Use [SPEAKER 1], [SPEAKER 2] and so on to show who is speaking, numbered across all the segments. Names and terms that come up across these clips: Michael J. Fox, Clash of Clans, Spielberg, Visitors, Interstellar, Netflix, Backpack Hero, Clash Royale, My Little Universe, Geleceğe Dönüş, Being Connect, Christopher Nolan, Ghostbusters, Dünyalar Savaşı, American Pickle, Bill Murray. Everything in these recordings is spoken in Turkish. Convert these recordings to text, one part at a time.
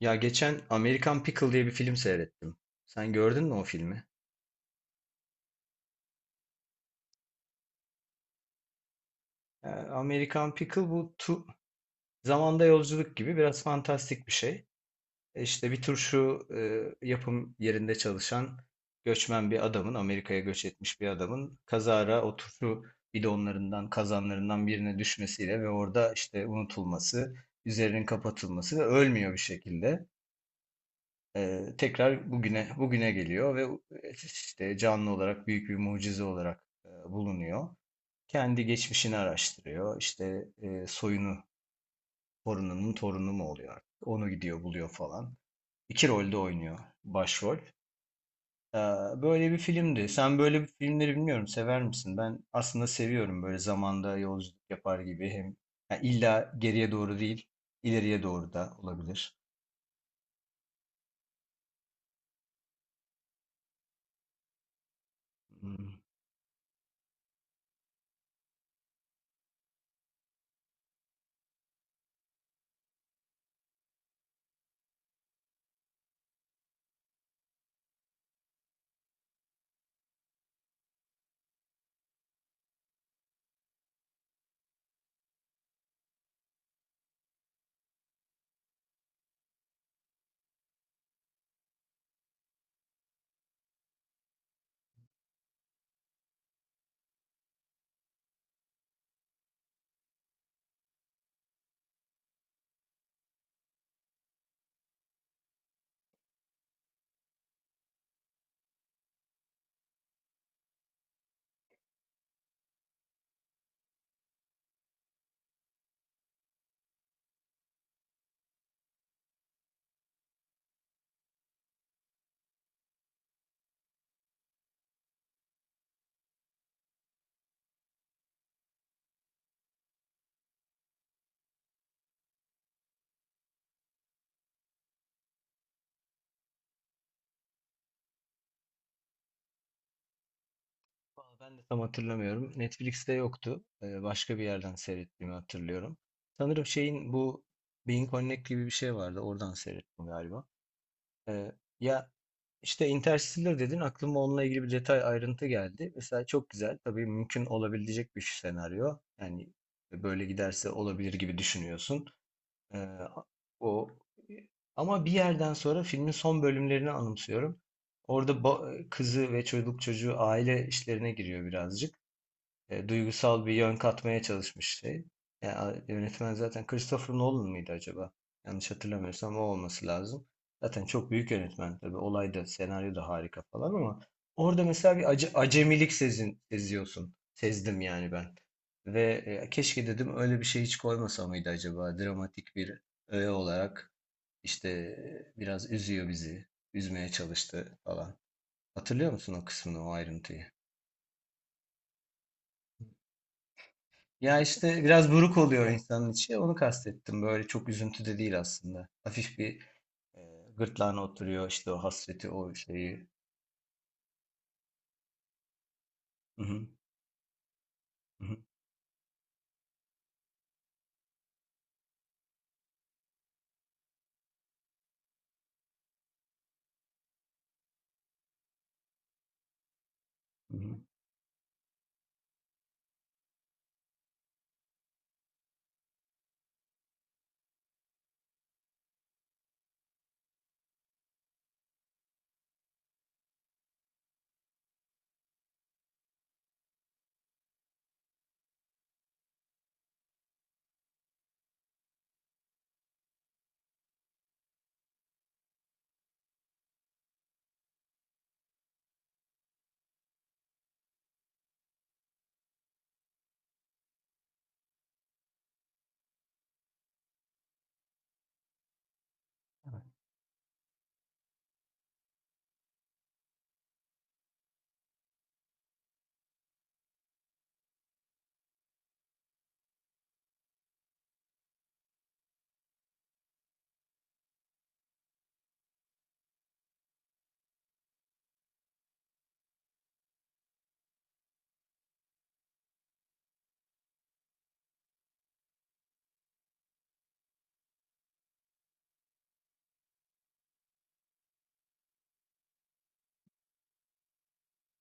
[SPEAKER 1] Ya geçen American Pickle diye bir film seyrettim. Sen gördün mü o filmi? American Pickle bu tu zamanda yolculuk gibi biraz fantastik bir şey. E İşte bir turşu yapım yerinde çalışan göçmen bir adamın, Amerika'ya göç etmiş bir adamın kazara o turşu bidonlarından, kazanlarından birine düşmesiyle ve orada işte unutulması, üzerinin kapatılması ve ölmüyor bir şekilde. Tekrar bugüne geliyor ve işte canlı olarak büyük bir mucize olarak bulunuyor. Kendi geçmişini araştırıyor. İşte soyunu, torununun torunu mu oluyor artık? Onu gidiyor buluyor falan. İki rolde oynuyor başrol. Ee, böyle bir filmdi. Sen böyle bir filmleri bilmiyorum sever misin? Ben aslında seviyorum böyle zamanda yolculuk yapar gibi hem yani illa geriye doğru değil, ileriye doğru da olabilir. Hmm. Vallahi ben de tam hatırlamıyorum. Netflix'te yoktu. Başka bir yerden seyrettiğimi hatırlıyorum. Sanırım şeyin bu Being Connect gibi bir şey vardı. Oradan seyrettim galiba. Ee, ya işte Interstellar dedin, aklıma onunla ilgili bir detay ayrıntı geldi. Mesela çok güzel. Tabii mümkün olabilecek bir senaryo. Yani böyle giderse olabilir gibi düşünüyorsun. Ee, o ama bir yerden sonra filmin son bölümlerini anımsıyorum. Orada kızı ve çocuğu aile işlerine giriyor birazcık duygusal bir yön katmaya çalışmıştı. Ya, yönetmen zaten Christopher Nolan mıydı acaba? Yanlış hatırlamıyorsam o olması lazım. Zaten çok büyük yönetmen tabii. Olay da, senaryo da harika falan ama orada mesela bir acemilik seziyorsun. Sezdim yani ben. Ve keşke dedim, öyle bir şey hiç koymasa mıydı acaba? Dramatik bir öğe olarak işte biraz üzüyor bizi. Üzmeye çalıştı falan. Hatırlıyor musun o kısmını, o ayrıntıyı? Ya işte biraz buruk oluyor insanın içi. Onu kastettim. Böyle çok üzüntü de değil aslında. Hafif bir e, gırtlağına oturuyor işte o hasreti, o şeyi. Hı hı, hı hı, hı hı.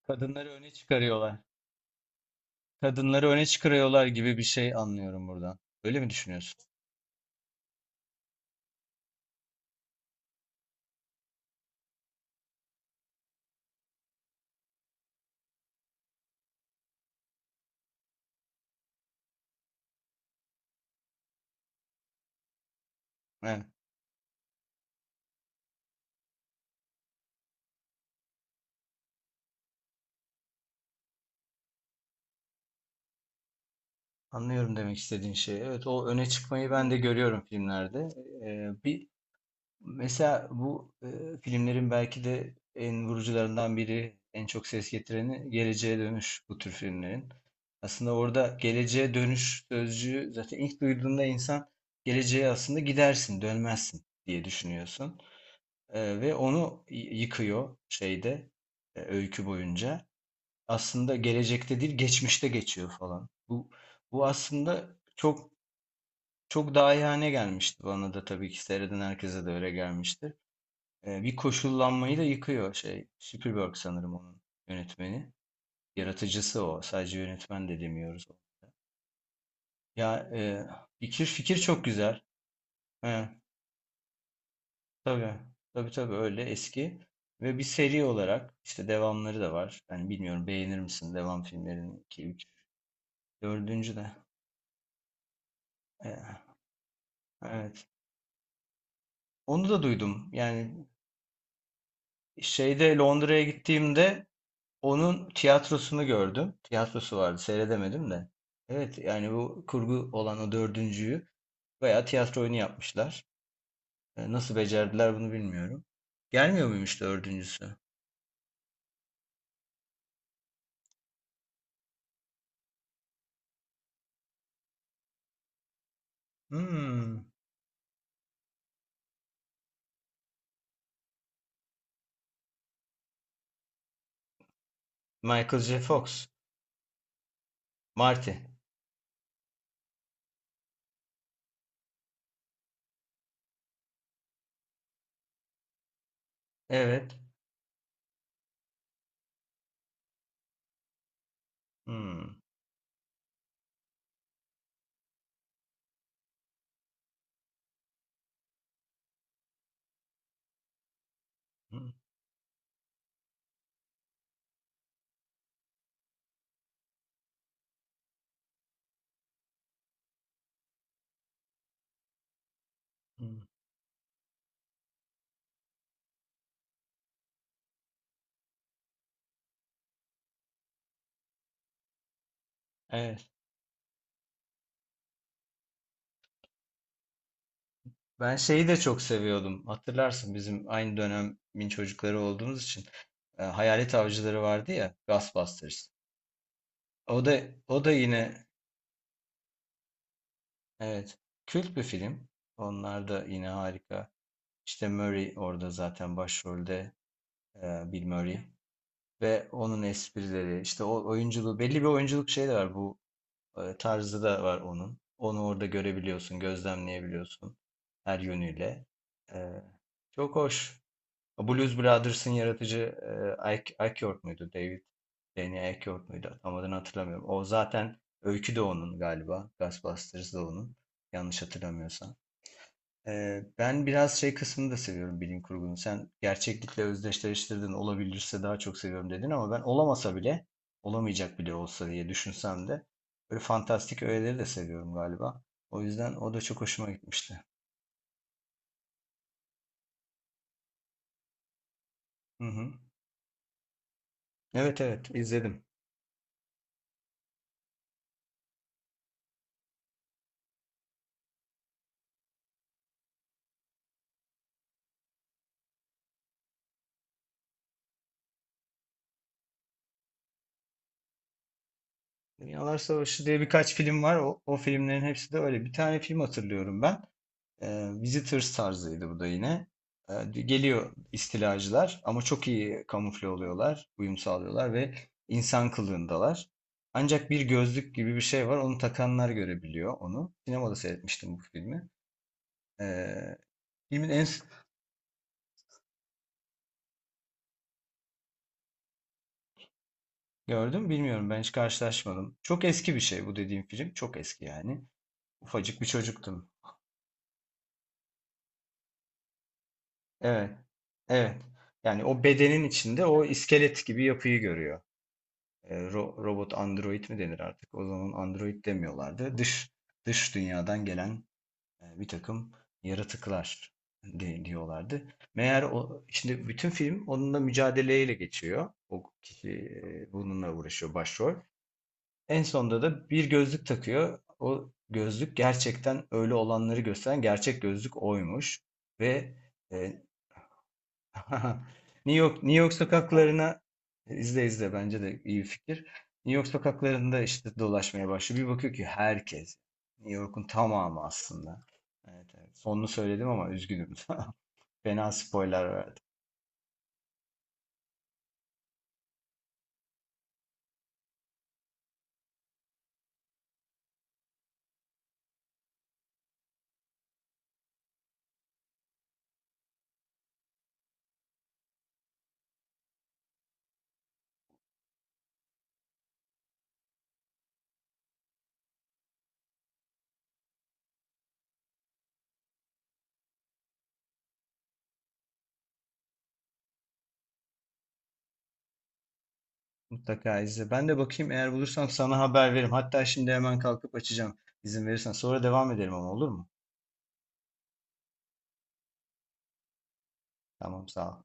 [SPEAKER 1] Kadınları öne çıkarıyorlar. Kadınları öne çıkarıyorlar gibi bir şey anlıyorum buradan. Öyle mi düşünüyorsun? Evet. Anlıyorum demek istediğin şeyi. Evet, o öne çıkmayı ben de görüyorum filmlerde. Bir Mesela bu filmlerin belki de en vurucularından biri, en çok ses getireni Geleceğe Dönüş bu tür filmlerin. Aslında orada geleceğe dönüş sözcüğü zaten ilk duyduğunda insan geleceğe aslında gidersin, dönmezsin diye düşünüyorsun. Ve onu yıkıyor şeyde öykü boyunca. Aslında gelecekte değil, geçmişte geçiyor falan. Bu aslında çok dahiyane gelmişti bana da, tabii ki seyreden herkese de öyle gelmiştir. Bir koşullanmayı da yıkıyor şey. Spielberg sanırım onun yönetmeni. Yaratıcısı o. Sadece yönetmen de demiyoruz. Ya fikir çok güzel. He, tabii. Tabii tabii öyle eski. Ve bir seri olarak işte devamları da var. Yani bilmiyorum beğenir misin devam filmlerini 2 3 dördüncü de. E, evet. Onu da duydum. Yani şeyde Londra'ya gittiğimde onun tiyatrosunu gördüm. Tiyatrosu vardı, seyredemedim de. Evet, yani bu kurgu olan o dördüncüyü bayağı tiyatro oyunu yapmışlar. E, Nasıl becerdiler bunu bilmiyorum. Gelmiyor muymuş dördüncüsü? Hmm. Michael J. Fox. Marty. Evet. Hmm. Hmm. Hmm. Evet. Ben şeyi de çok seviyordum. Hatırlarsın, bizim aynı dönemin çocukları olduğumuz için Hayalet Avcıları vardı ya, Ghostbusters. O da o da yine evet. Kült bir film. Onlar da yine harika. İşte Murray orada zaten başrolde, Bill Murray, ve onun esprileri, işte o oyunculuğu, belli bir oyunculuk şeyi de var, bu tarzı da var onun. Onu orada görebiliyorsun, gözlemleyebiliyorsun her yönüyle. E, çok hoş. Blues Brothers'ın yaratıcı Ike York muydu? Danny Ike York muydu? Tam adını hatırlamıyorum. O zaten öykü de onun galiba. Ghostbusters da onun. Yanlış hatırlamıyorsam. Ben biraz şey kısmını da seviyorum bilim kurgunun. Sen gerçeklikle özdeşleştirdin, olabilirse daha çok seviyorum dedin, ama ben olamasa bile, olamayacak bile olsa diye düşünsem de böyle fantastik öğeleri de seviyorum galiba. O yüzden o da çok hoşuma gitmişti. Hı hı. Evet evet, izledim. Dünyalar Savaşı diye birkaç film var. O filmlerin hepsi de öyle. Bir tane film hatırlıyorum ben. Visitors tarzıydı bu da yine. Geliyor istilacılar ama çok iyi kamufle oluyorlar, uyum sağlıyorlar ve insan kılığındalar. Ancak bir gözlük gibi bir şey var. Onu takanlar görebiliyor onu. Sinemada seyretmiştim bu filmi. Ee, filmin en s- gördüm, bilmiyorum, ben hiç karşılaşmadım. Çok eski bir şey bu dediğim film. Çok eski yani. Ufacık bir çocuktum. Evet. Evet. Yani o bedenin içinde o iskelet gibi yapıyı görüyor. Robot android mi denir artık? O zaman android demiyorlardı. Dış dünyadan gelen bir takım yaratıklar diyorlardı. Meğer o şimdi bütün film onunla mücadeleyle geçiyor. O kişi bununla uğraşıyor başrol. En sonunda da bir gözlük takıyor. O gözlük gerçekten öyle olanları gösteren gerçek gözlük oymuş ve e, New York sokaklarına izle, bence de iyi bir fikir. New York sokaklarında işte dolaşmaya başlıyor. Bir bakıyor ki herkes. New York'un tamamı aslında. Evet, evet. Sonunu söyledim ama üzgünüm. Fena spoiler verdim. Mutlaka izle. Ben de bakayım, eğer bulursam sana haber veririm. Hatta şimdi hemen kalkıp açacağım. İzin verirsen. Sonra devam edelim ama, olur mu? Tamam, sağ ol.